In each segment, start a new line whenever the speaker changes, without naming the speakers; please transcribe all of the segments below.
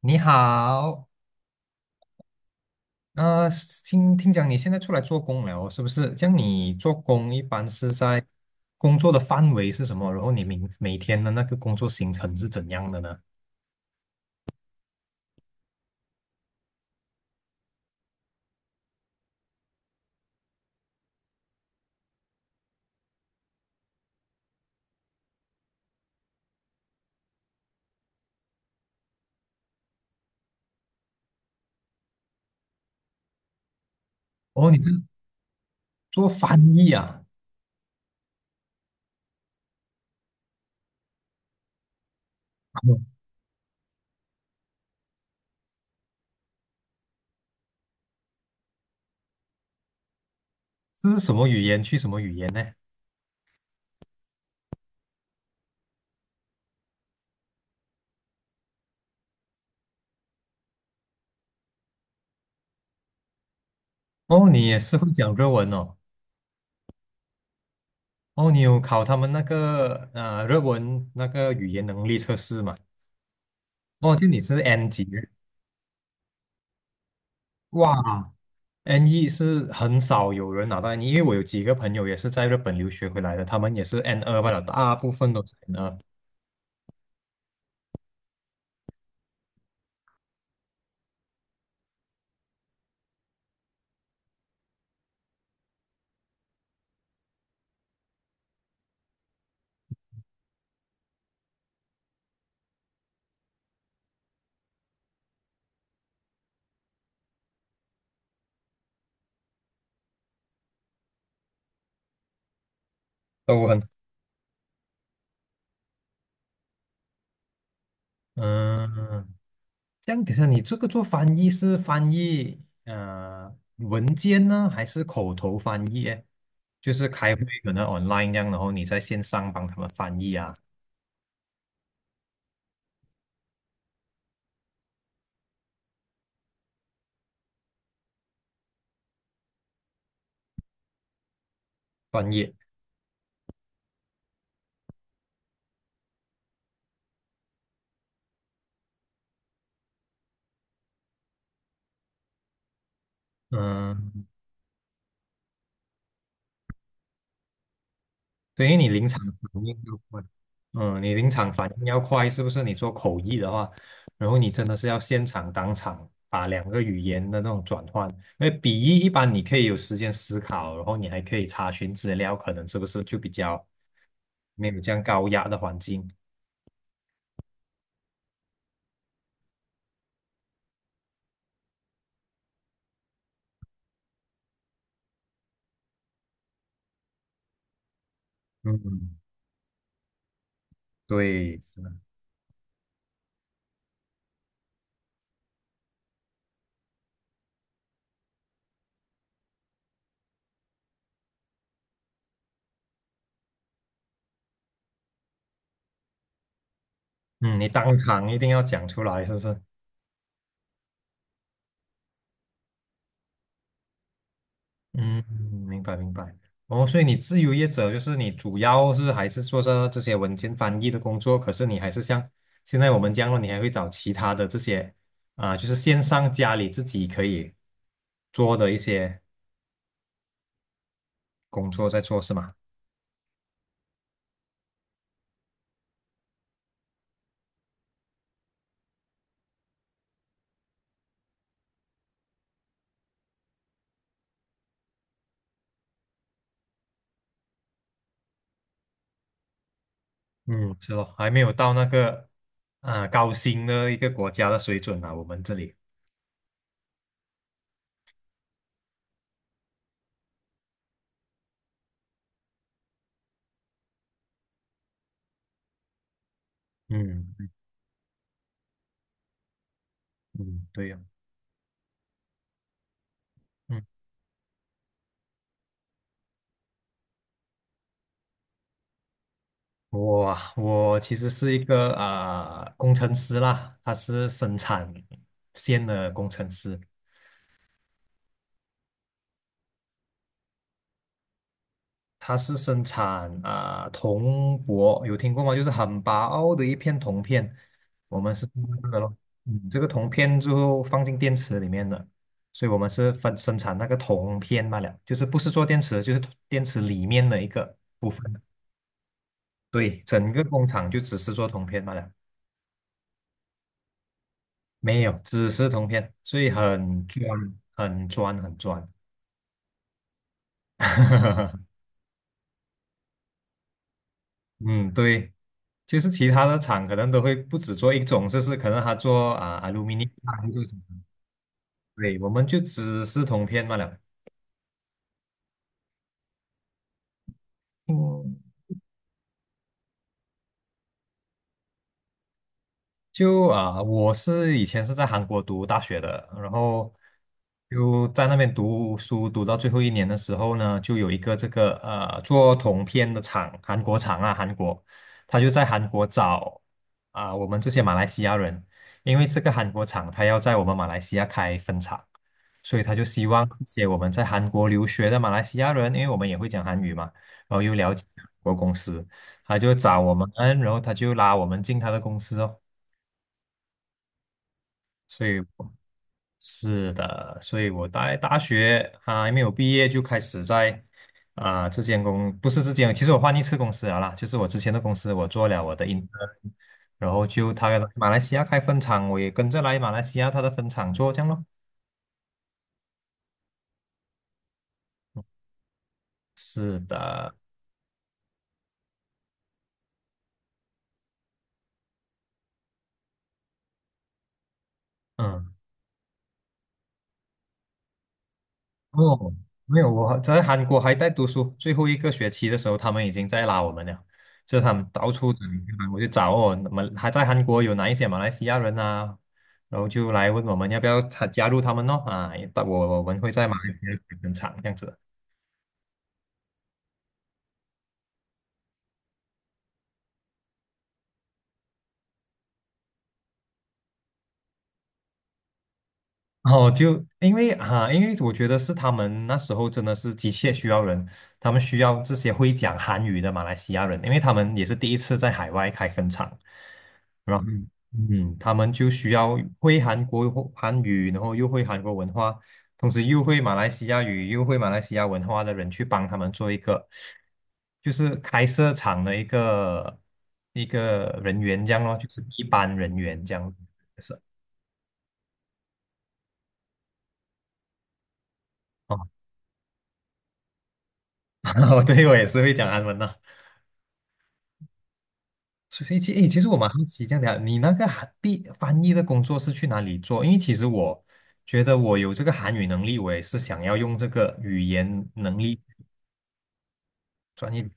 你好，呃，听讲你现在出来做工了哦，是不是？像你做工一般是在工作的范围是什么？然后你明每天的那个工作行程是怎样的呢？哦，你是做翻译啊？这是什么语言去什么语言呢？哦，你也是会讲日文哦。哦，你有考他们那个日文那个语言能力测试嘛？哦，就你是 N 级，哇，NE 是很少有人拿到 NE，因为我有几个朋友也是在日本留学回来的，他们也是 n 二罢了，大部分都是 n 二，都很嗯。这样，等一下你这个做翻译是翻译文件呢，还是口头翻译诶，就是开会可能 online 这样，然后你在线上帮他们翻译啊，翻译。嗯。对，因为你临场反应要快，嗯，你临场反应要快，是不是？你做口译的话，然后你真的是要现场当场把两个语言的那种转换，因为笔译一般你可以有时间思考，然后你还可以查询资料，可能是不是就比较没有这样高压的环境？嗯，对，是的，嗯，你当场一定要讲出来，是不是？嗯，明白明白。哦，所以你自由业者就是你主要是还是做着这些文件翻译的工作，可是你还是像现在我们这样了，你还会找其他的这些啊、就是线上家里自己可以做的一些工作在做，是吗？嗯，是咯，还没有到那个啊、高薪的一个国家的水准啊，我们这里。嗯嗯，对呀、嗯。我其实是一个啊、工程师啦，他是生产线的工程师，他是生产啊、铜箔，有听过吗？就是很薄的一片铜片，我们是做这个咯，嗯，这个铜片最后放进电池里面的，所以我们是分生产那个铜片罢了，就是不是做电池，就是电池里面的一个部分。对，整个工厂就只是做铜片罢了。没有，只是铜片，所以很嗯专、很专、很专。嗯，对，就是其他的厂可能都会不只做一种，就是可能他做啊、a l u m i n i 做什么？对，我们就只是铜片罢了。就啊、我是以前是在韩国读大学的，然后就在那边读书，读到最后一年的时候呢，就有一个这个做铜片的厂，韩国厂啊，韩国，他就在韩国找啊、我们这些马来西亚人，因为这个韩国厂他要在我们马来西亚开分厂，所以他就希望一些我们在韩国留学的马来西亚人，因为我们也会讲韩语嘛，然后又了解韩国公司，他就找我们，然后他就拉我们进他的公司哦。所以我是的，所以我大学啊还没有毕业就开始在啊、这间公不是这间，其实我换一次公司了啦，就是我之前的公司我做了我的 intern，然后就他马来西亚开分厂，我也跟着来马来西亚他的分厂做这样咯。是的，嗯。哦，没有，我在韩国还在读书，最后一个学期的时候，他们已经在拉我们了，就是他们到处找我就找哦，那么还在韩国有哪一些马来西亚人啊，然后就来问我们要不要参加入他们咯啊，我们会在马来西亚分厂这样子。然后就因为啊，因为我觉得是他们那时候真的是急切需要人，他们需要这些会讲韩语的马来西亚人，因为他们也是第一次在海外开分厂，嗯嗯，他们就需要会韩国韩语，然后又会韩国文化，同时又会马来西亚语，又会马来西亚文化的人去帮他们做一个，就是开设厂的一个一个人员这样咯，就是一般人员这样是哦，对我也是会讲韩文的。所以其实我蛮好奇这样的，你那个韩毕翻译的工作是去哪里做？因为其实我觉得我有这个韩语能力，我也是想要用这个语言能力。专业。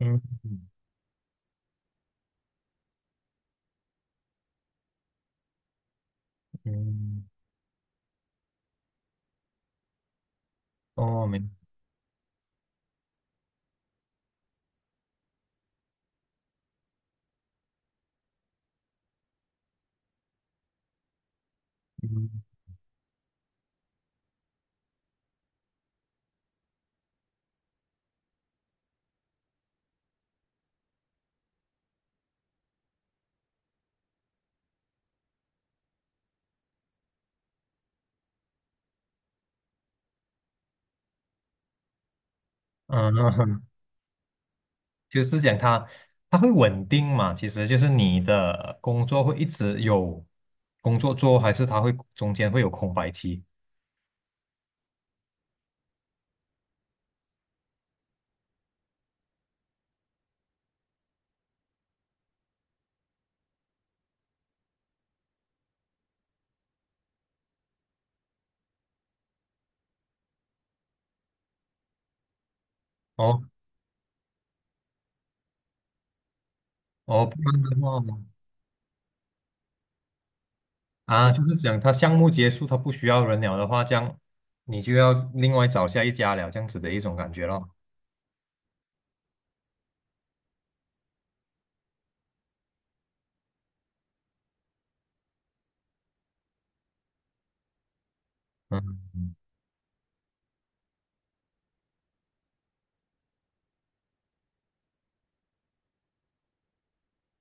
嗯嗯，嗯，哦，明，嗯嗯，就是讲它，它会稳定嘛？其实就是你的工作会一直有工作做，还是它会中间会有空白期？哦哦，不然的话啊，就是讲它项目结束，它不需要人了的话，这样你就要另外找下一家了，这样子的一种感觉咯。嗯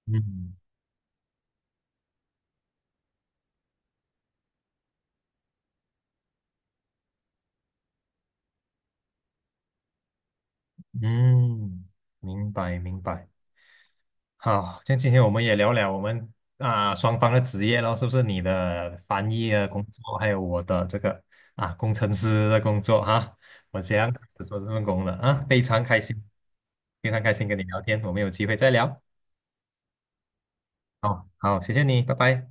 嗯嗯，嗯明白明白。好，像今天我们也聊聊我们啊、双方的职业咯，是不是你的翻译的工作，还有我的这个啊工程师的工作哈、我这样开始做这份工了啊，非常开心，非常开心跟你聊天，我们有机会再聊。好，好，谢谢你，拜拜。